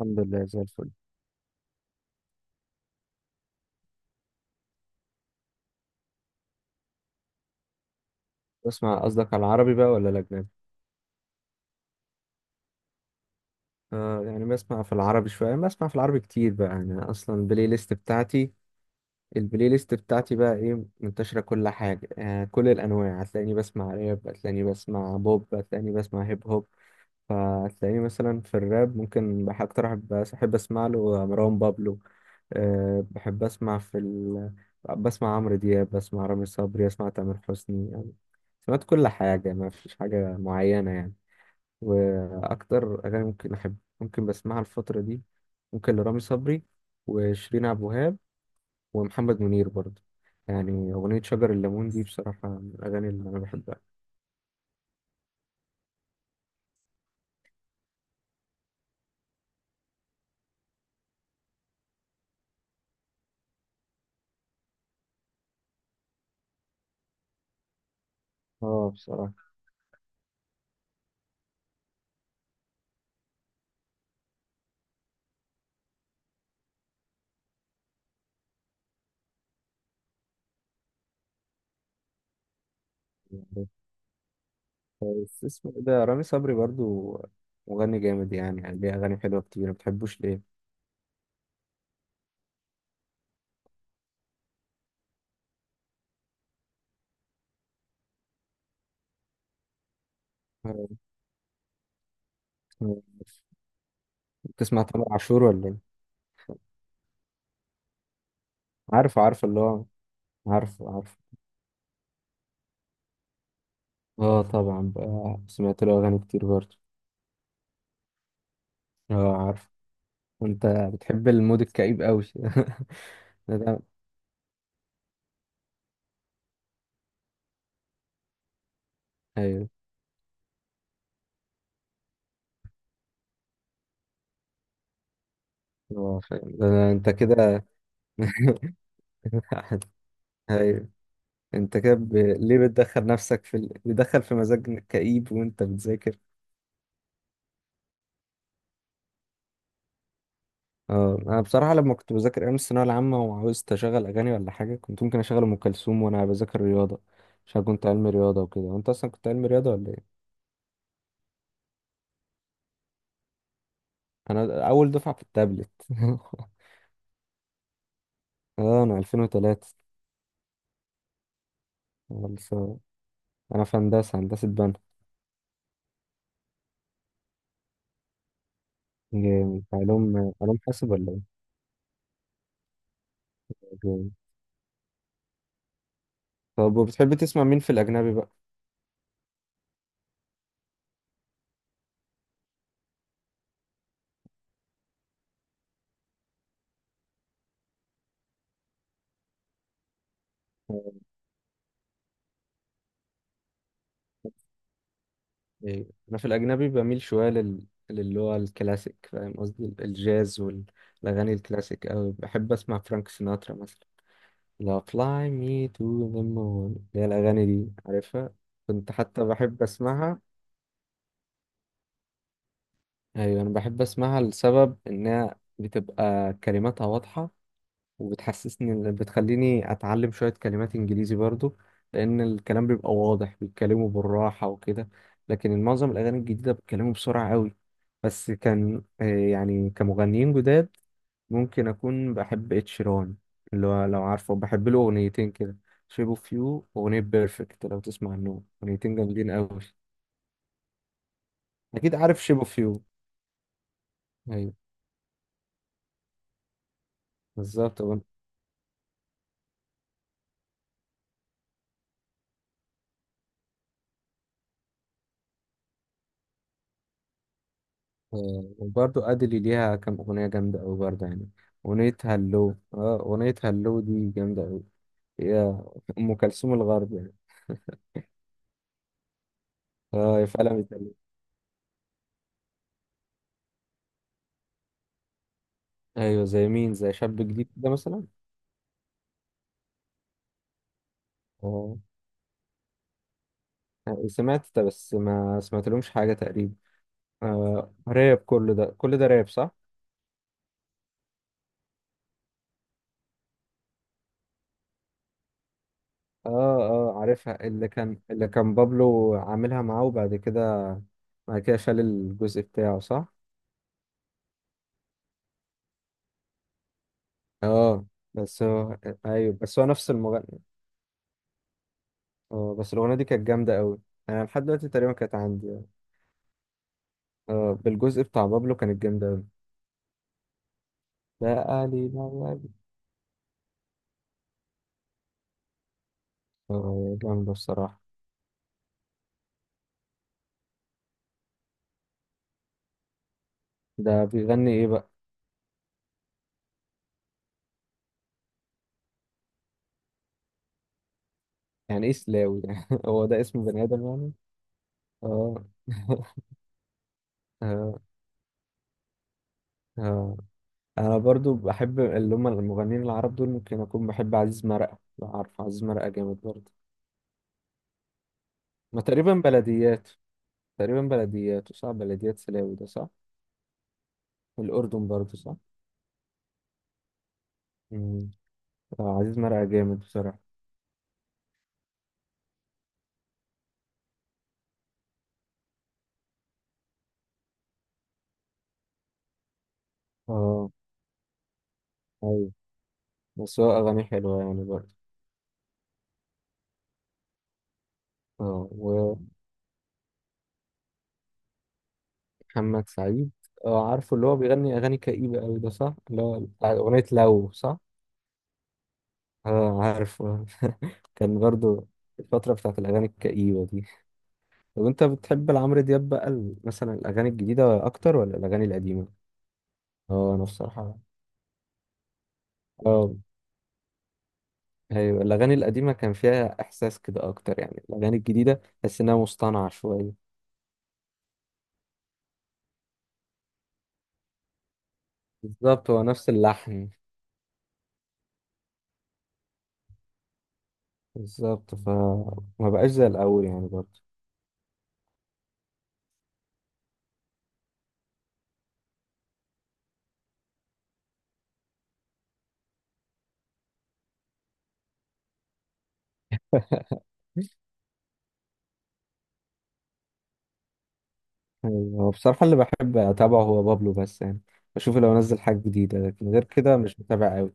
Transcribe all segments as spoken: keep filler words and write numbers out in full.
الحمد لله، زي الفل. بسمع، قصدك على العربي بقى ولا الأجنبي؟ آه يعني بسمع في العربي شوية، بسمع في العربي كتير بقى، يعني أصلا البلاي ليست بتاعتي البلاي ليست بتاعتي بقى، إيه، منتشرة كل حاجة، آه كل الأنواع، هتلاقيني بسمع راب، هتلاقيني بسمع بوب، هتلاقيني بسمع هيب هوب. فهتلاقيني مثلا في الراب، ممكن بح- أكتر أحب أحب أسمع له مروان بابلو. آه بحب أسمع في ال... بسمع عمرو دياب، بسمع رامي صبري، بسمع تامر حسني يعني. سمعت كل حاجة، ما فيش حاجة معينة يعني. واكتر اغاني ممكن احب ممكن بسمعها الفتره دي، ممكن لرامي صبري وشيرين عبد الوهاب ومحمد منير برضه. يعني اغنيه شجر الليمون دي بصراحه من الاغاني اللي انا بحبها. اه بصراحه يعني. بس اسمه إيه ده، رامي صبري برضه مغني جامد يعني يعني ليه اغاني حلوه كتير، ما بتحبوش ليه؟ آه، بتسمع تامر عاشور ولا ايه؟ عارف عارف اللي هو، عارف عارف. اه طبعا بقى سمعت له اغاني كتير برضه. اه عارف. انت بتحب المود الكئيب قوي. ده ده، ايوه. هو فاهم، ده ده انت كده. ايوه. انت كده ب... ليه بتدخل نفسك في ال... بتدخل في مزاج كئيب وانت بتذاكر؟ اه انا بصراحه لما كنت بذاكر ايام الثانويه العامه وعاوزت اشغل اغاني ولا حاجه، كنت ممكن اشغل ام كلثوم وانا بذاكر رياضه، عشان كنت علمي رياضه وكده. وانت اصلا كنت علمي رياضه ولا ايه؟ انا اول دفعه في التابلت. اه، انا ألفين وتلاتة خلصان. انا في هندسه هندسه بنا. جامد، علوم علوم حاسب ولا ايه؟ طب وبتحب تسمع مين في الأجنبي بقى؟ إيه، أنا في الأجنبي بميل شوية لل... للي هو الكلاسيك، فاهم قصدي ال- الجاز والأغاني الكلاسيك أوي. بحب أسمع فرانك سيناترا مثلا، لا fly me to the moon، اللي هي الأغاني دي، عارفها. كنت حتى بحب أسمعها. أيوة، أنا بحب أسمعها لسبب إنها بتبقى كلماتها واضحة، وبتحسسني إن- بتخليني اتعلم شوية كلمات انجليزي برضو، لان الكلام بيبقى واضح، بيتكلموا بالراحة وكده. لكن معظم الاغاني الجديدة بيتكلموا بسرعة قوي. بس كان آه، يعني كمغنيين جداد، ممكن اكون بحب اتشيران، اللي هو لو عارفه بحب له اغنيتين كده، شيب اوف يو واغنية بيرفكت، لو تسمع عنهم، اغنيتين جامدين قوي. اكيد عارف شيب اوف يو. ايوه، بالظبط. آه، وبرضه أدلي ليها كام أغنية جامدة أوي برضه يعني. أغنية هلو اه أغنية هلو دي جامدة أوي. هي أم كلثوم الغرب يعني. اه، هي فعلا بتقلد. أيوه، زي مين؟ زي شاب جديد كده مثلا. اه، آه، سمعت ده، بس ما سمعتلهمش حاجة تقريبا. آه راب، كل ده كل ده راب، صح؟ اه. اه عارفها، اللي كان اللي كان بابلو عاملها معاه، وبعد كده بعد كده شال الجزء بتاعه، صح؟ اه بس هو ايوه، بس هو نفس المغني. اه بس الأغنية دي كانت جامدة قوي. أنا لحد دلوقتي تقريبا كانت عندي يعني. اه، بالجزء بتاع بابلو كانت جامدة قوي. لا علي، لا علي. اه جامدة بصراحة. ده بيغني إيه بقى؟ يعني إيه سلاوي؟ يعني هو ده اسم بني آدم يعني؟ اه. اه. اه. أنا برضو بحب اللي هم المغنيين العرب دول، ممكن أكون بحب عزيز مرقة، لو عارف عزيز مرقة جامد برضه. ما تقريبا بلديات، تقريبا بلديات صح، بلديات سلاوي ده، صح؟ الأردن برضه، صح؟ مم. آه، عزيز مرقة جامد بصراحة. اه، ايوه، بس هو أغاني حلوة يعني برضه. اه. ومحمد سعيد؟ اه عارفه، اللي هو بيغني أغاني كئيبة أوي، ده صح؟ اللي هو بتاع أغنية لو، صح؟ اه عارفه. كان برضه الفترة بتاعت الأغاني الكئيبة دي. طب أنت بتحب لعمرو دياب بقى ال- مثلا الأغاني الجديدة أكتر ولا الأغاني القديمة؟ اه أنا بصراحة. اه، أيوة، الأغاني القديمة كان فيها إحساس كده أكتر يعني. الأغاني الجديدة تحس إنها مصطنعة شوية. بالظبط، هو نفس اللحن. بالظبط، فما بقاش زي الأول يعني برضه. ايوه، هو بصراحة اللي بحب أتابعه هو بابلو بس يعني، بشوف لو نزل حاجة جديدة، لكن غير كده مش متابع أوي.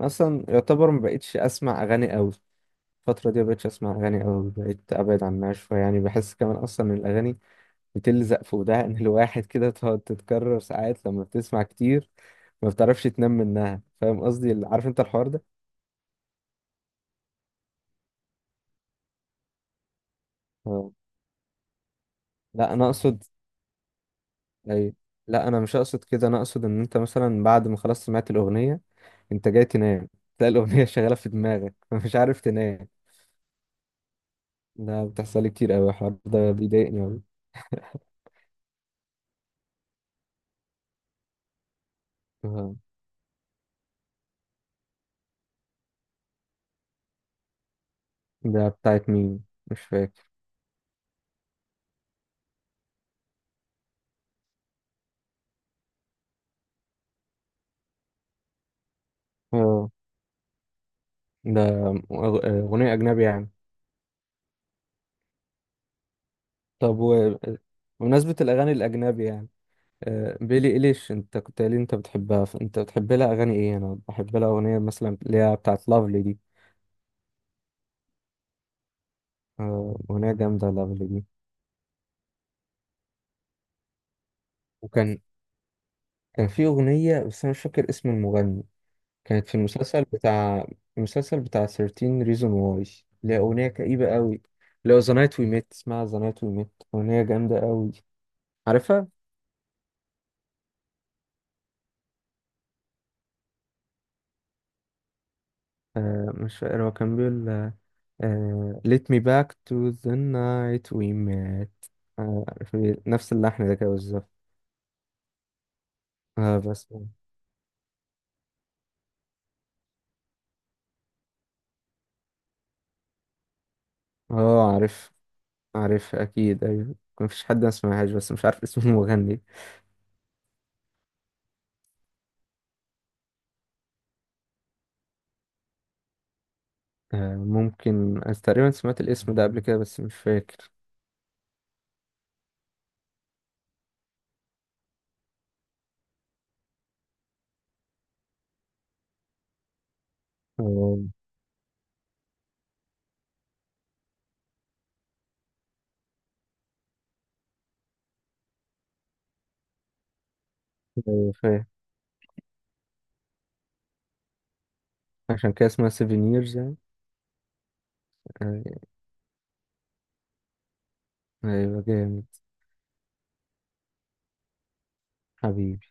أصلا يعتبر ما بقتش أسمع أغاني أوي الفترة دي، ما بقتش أسمع أغاني أوي، بقيت أبعد عنها شوية يعني، بحس كمان أصلا إن الأغاني بتلزق في ودان الواحد كده، تقعد تتكرر ساعات لما بتسمع كتير، ما بتعرفش تنام منها. فاهم قصدي، ال- عارف أنت الحوار ده؟ آه. لا أنا أقصد، أي لا أنا مش أقصد كده، أنا أقصد إن أنت مثلا بعد ما خلاص سمعت الأغنية، انت جاي تنام، تلاقي الاغنيه شغاله في دماغك فمش عارف تنام. ده بتحصل لي كتير قوي، الحوار ده بيضايقني قوي. آه، ده بتاعت مين؟ مش فاكر. اه، ده أغ- آه، اغنيه اجنبي يعني. طب، و، بمناسبه الاغاني الاجنبي يعني، آه، بيلي إيليش، انت كنت قايل لي انت بتحبها، فانت بتحب لها اغاني ايه؟ انا بحب لها اغنيه مثلا اللي هي بتاعت لافلي دي. آه، اغنيه جامده لافلي دي. وكان كان في اغنيه، بس انا مش فاكر اسم المغني، كانت في المسلسل بتاع المسلسل بتاع ثيرتين reason why، ليها أغنية كئيبة قوي، لو The Night We Met، اسمها The Night We Met، أغنية جامدة قوي، عارفها؟ آه، مش فاكر، هو كان بيقول آه Let me back to the night we met، آه في نفس اللحن ده كده بالظبط. اه بس. اه عارف عارف أكيد، أيوه، مفيش حد ما سمعهاش، بس مش عارف اسم المغني. آه، ممكن، أنا تقريبا سمعت الاسم ده قبل كده بس مش فاكر. آه، أيوة فاهم. عشان كده اسمها سيفينيرز يعني. أي- أيوة جامد. حبيبي.